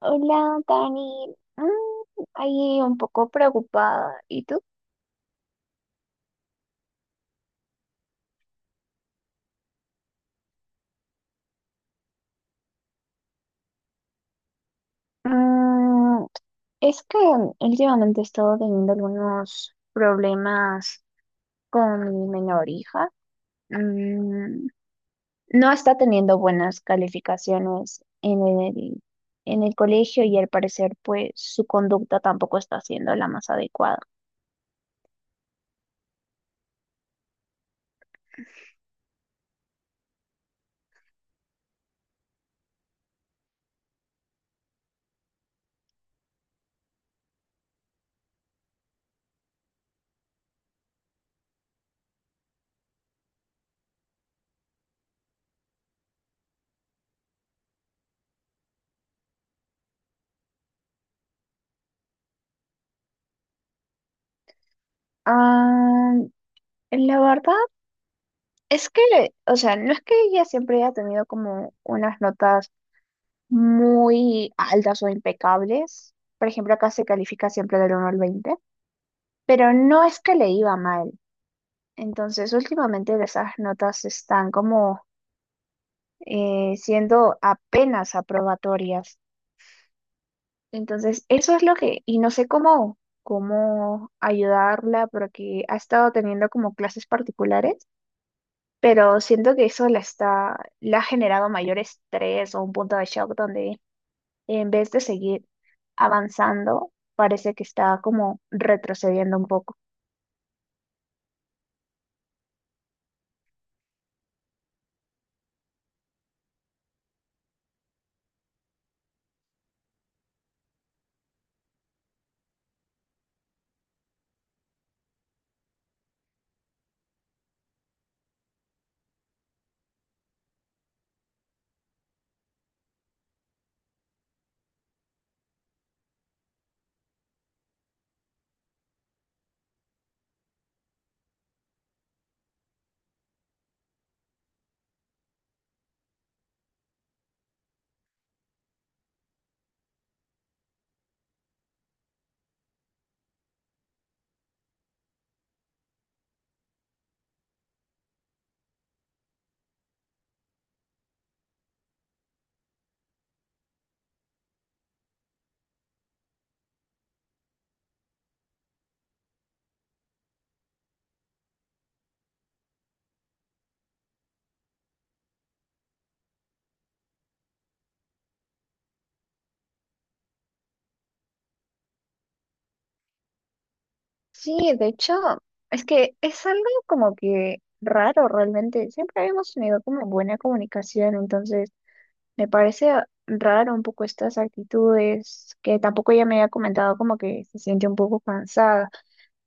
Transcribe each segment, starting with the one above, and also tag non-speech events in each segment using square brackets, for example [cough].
Hola, Dani. Ahí un poco preocupada. ¿Y tú? Mm, es que últimamente he estado teniendo algunos problemas con mi menor hija. Mm, no está teniendo buenas calificaciones en el colegio y al parecer pues su conducta tampoco está siendo la más adecuada. Ah, la verdad es que, o sea, no es que ella siempre haya tenido como unas notas muy altas o impecables. Por ejemplo, acá se califica siempre del 1 al 20, pero no es que le iba mal. Entonces, últimamente esas notas están como siendo apenas aprobatorias. Entonces, eso es lo que, y no sé cómo ayudarla porque ha estado teniendo como clases particulares, pero siento que eso la está, le ha generado mayor estrés o un punto de shock donde en vez de seguir avanzando, parece que está como retrocediendo un poco. Sí, de hecho, es que es algo como que raro realmente. Siempre habíamos tenido como buena comunicación, entonces me parece raro un poco estas actitudes, que tampoco ella me había comentado como que se siente un poco cansada.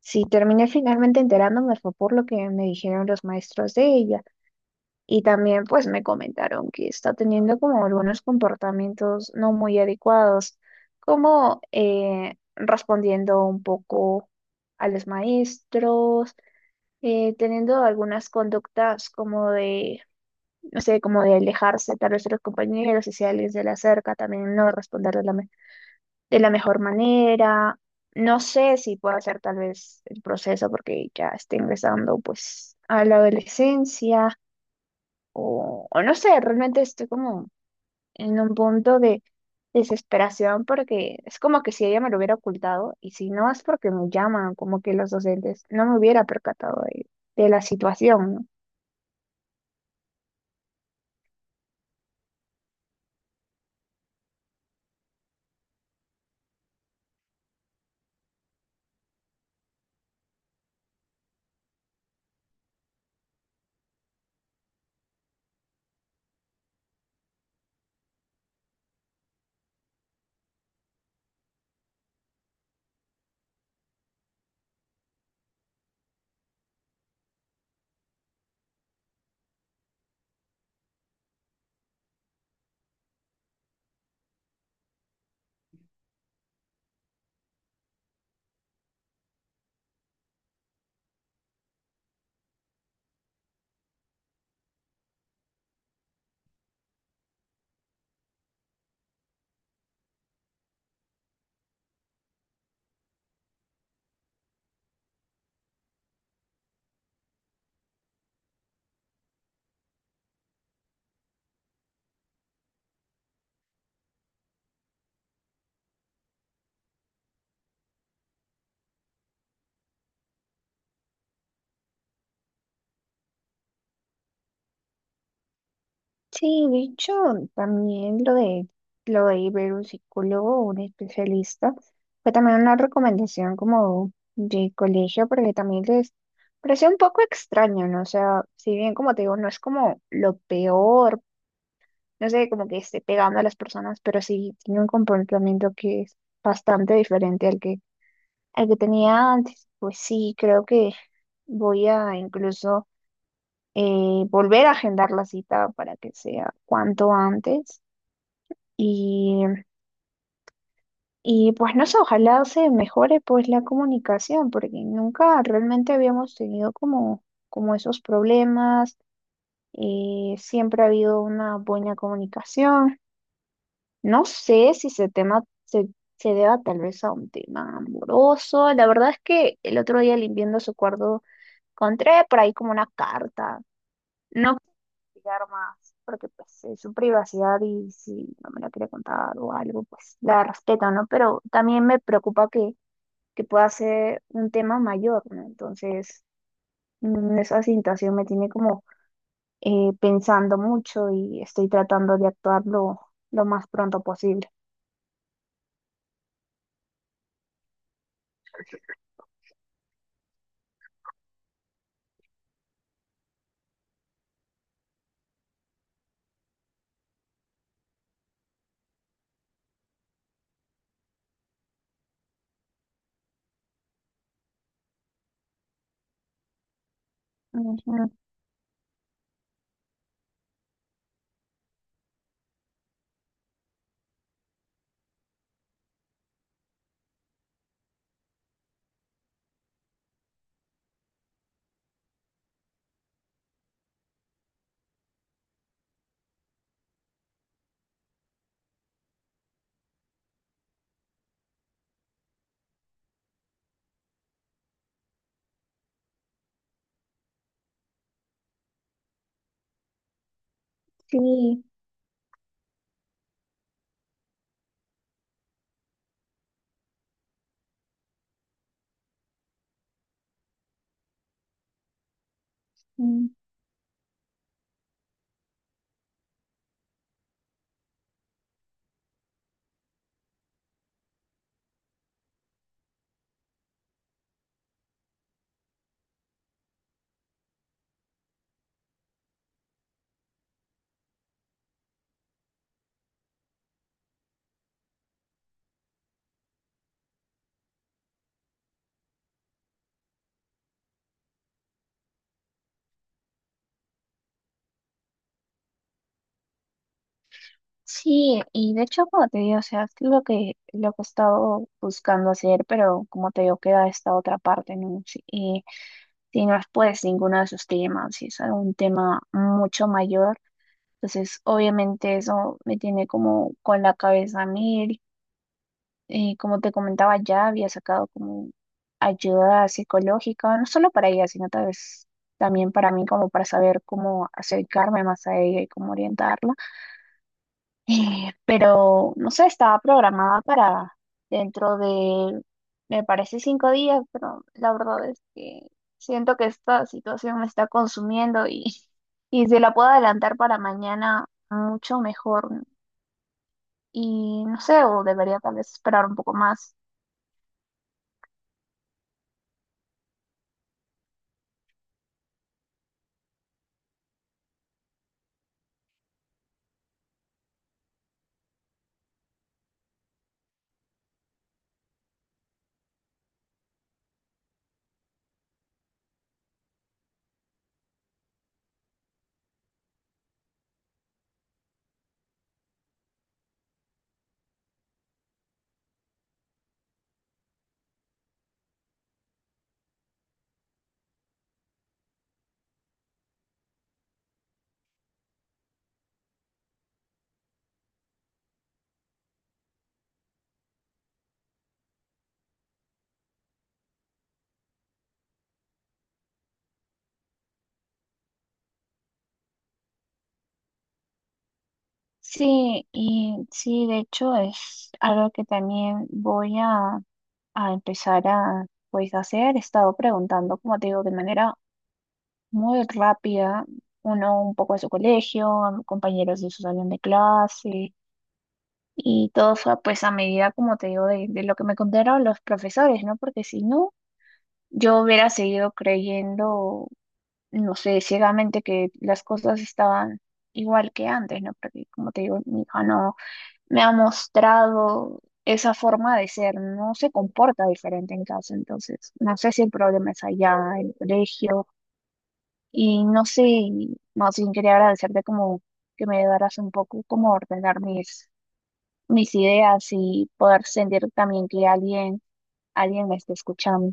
Si terminé finalmente enterándome fue por lo que me dijeron los maestros de ella. Y también pues me comentaron que está teniendo como algunos comportamientos no muy adecuados, como respondiendo un poco a los maestros, teniendo algunas conductas como de, no sé, como de alejarse tal vez de los compañeros y si alguien se le acerca también no responder de la mejor manera. No sé si puedo hacer tal vez el proceso porque ya está ingresando pues a la adolescencia. O no sé, realmente estoy como en un punto de desesperación porque es como que si ella me lo hubiera ocultado y si no es porque me llaman, como que los docentes no me hubiera percatado de la situación, ¿no? Sí, de hecho, también lo de ir ver un psicólogo o un especialista fue también una recomendación como de colegio porque también les pareció un poco extraño, ¿no? O sea, si bien como te digo, no es como lo peor, no sé, como que esté pegando a las personas, pero sí tiene un comportamiento que es bastante diferente al que tenía antes. Pues sí, creo que voy a incluso volver a agendar la cita para que sea cuanto antes. Y, y pues no sé, ojalá se mejore pues la comunicación, porque nunca realmente habíamos tenido como esos problemas. Siempre ha habido una buena comunicación. No sé si se tema se deba tal vez a un tema amoroso. La verdad es que el otro día limpiando su cuarto encontré por ahí como una carta. No quiero explicar más porque pues es su privacidad y si no me la quiere contar o algo, pues la respeto, ¿no? Pero también me preocupa que pueda ser un tema mayor, ¿no? Entonces, esa situación me tiene como pensando mucho y estoy tratando de actuar lo más pronto posible. Ujú. Sí. Mm. Sí, y de hecho, como te digo, o sea, es lo que he estado buscando hacer, pero como te digo, queda esta otra parte, ¿no? Si, y si no es pues ninguno de esos temas, si es algún tema mucho mayor, entonces obviamente eso me tiene como con la cabeza a mil. Y como te comentaba, ya había sacado como ayuda psicológica, no solo para ella, sino tal vez también para mí, como para saber cómo acercarme más a ella y cómo orientarla. Pero, no sé, estaba programada para dentro de, me parece, 5 días, pero la verdad es que siento que esta situación me está consumiendo y, [laughs] y si la puedo adelantar para mañana, mucho mejor. Y no sé, o debería tal vez esperar un poco más. Sí, y sí, de hecho es algo que también voy a empezar a, pues, hacer. He estado preguntando, como te digo, de manera muy rápida, uno un poco de su colegio, a compañeros de su salón de clase, y todo fue pues a medida, como te digo, de lo que me contaron los profesores, ¿no? Porque si no, yo hubiera seguido creyendo, no sé, ciegamente que las cosas estaban igual que antes, ¿no? Porque como te digo, mi hija no me ha mostrado. Esa forma de ser no se comporta diferente en casa, entonces no sé si el problema es allá, en el colegio, y no sé, y más bien quería agradecerte como que me ayudaras un poco como a ordenar mis ideas y poder sentir también que alguien me está escuchando.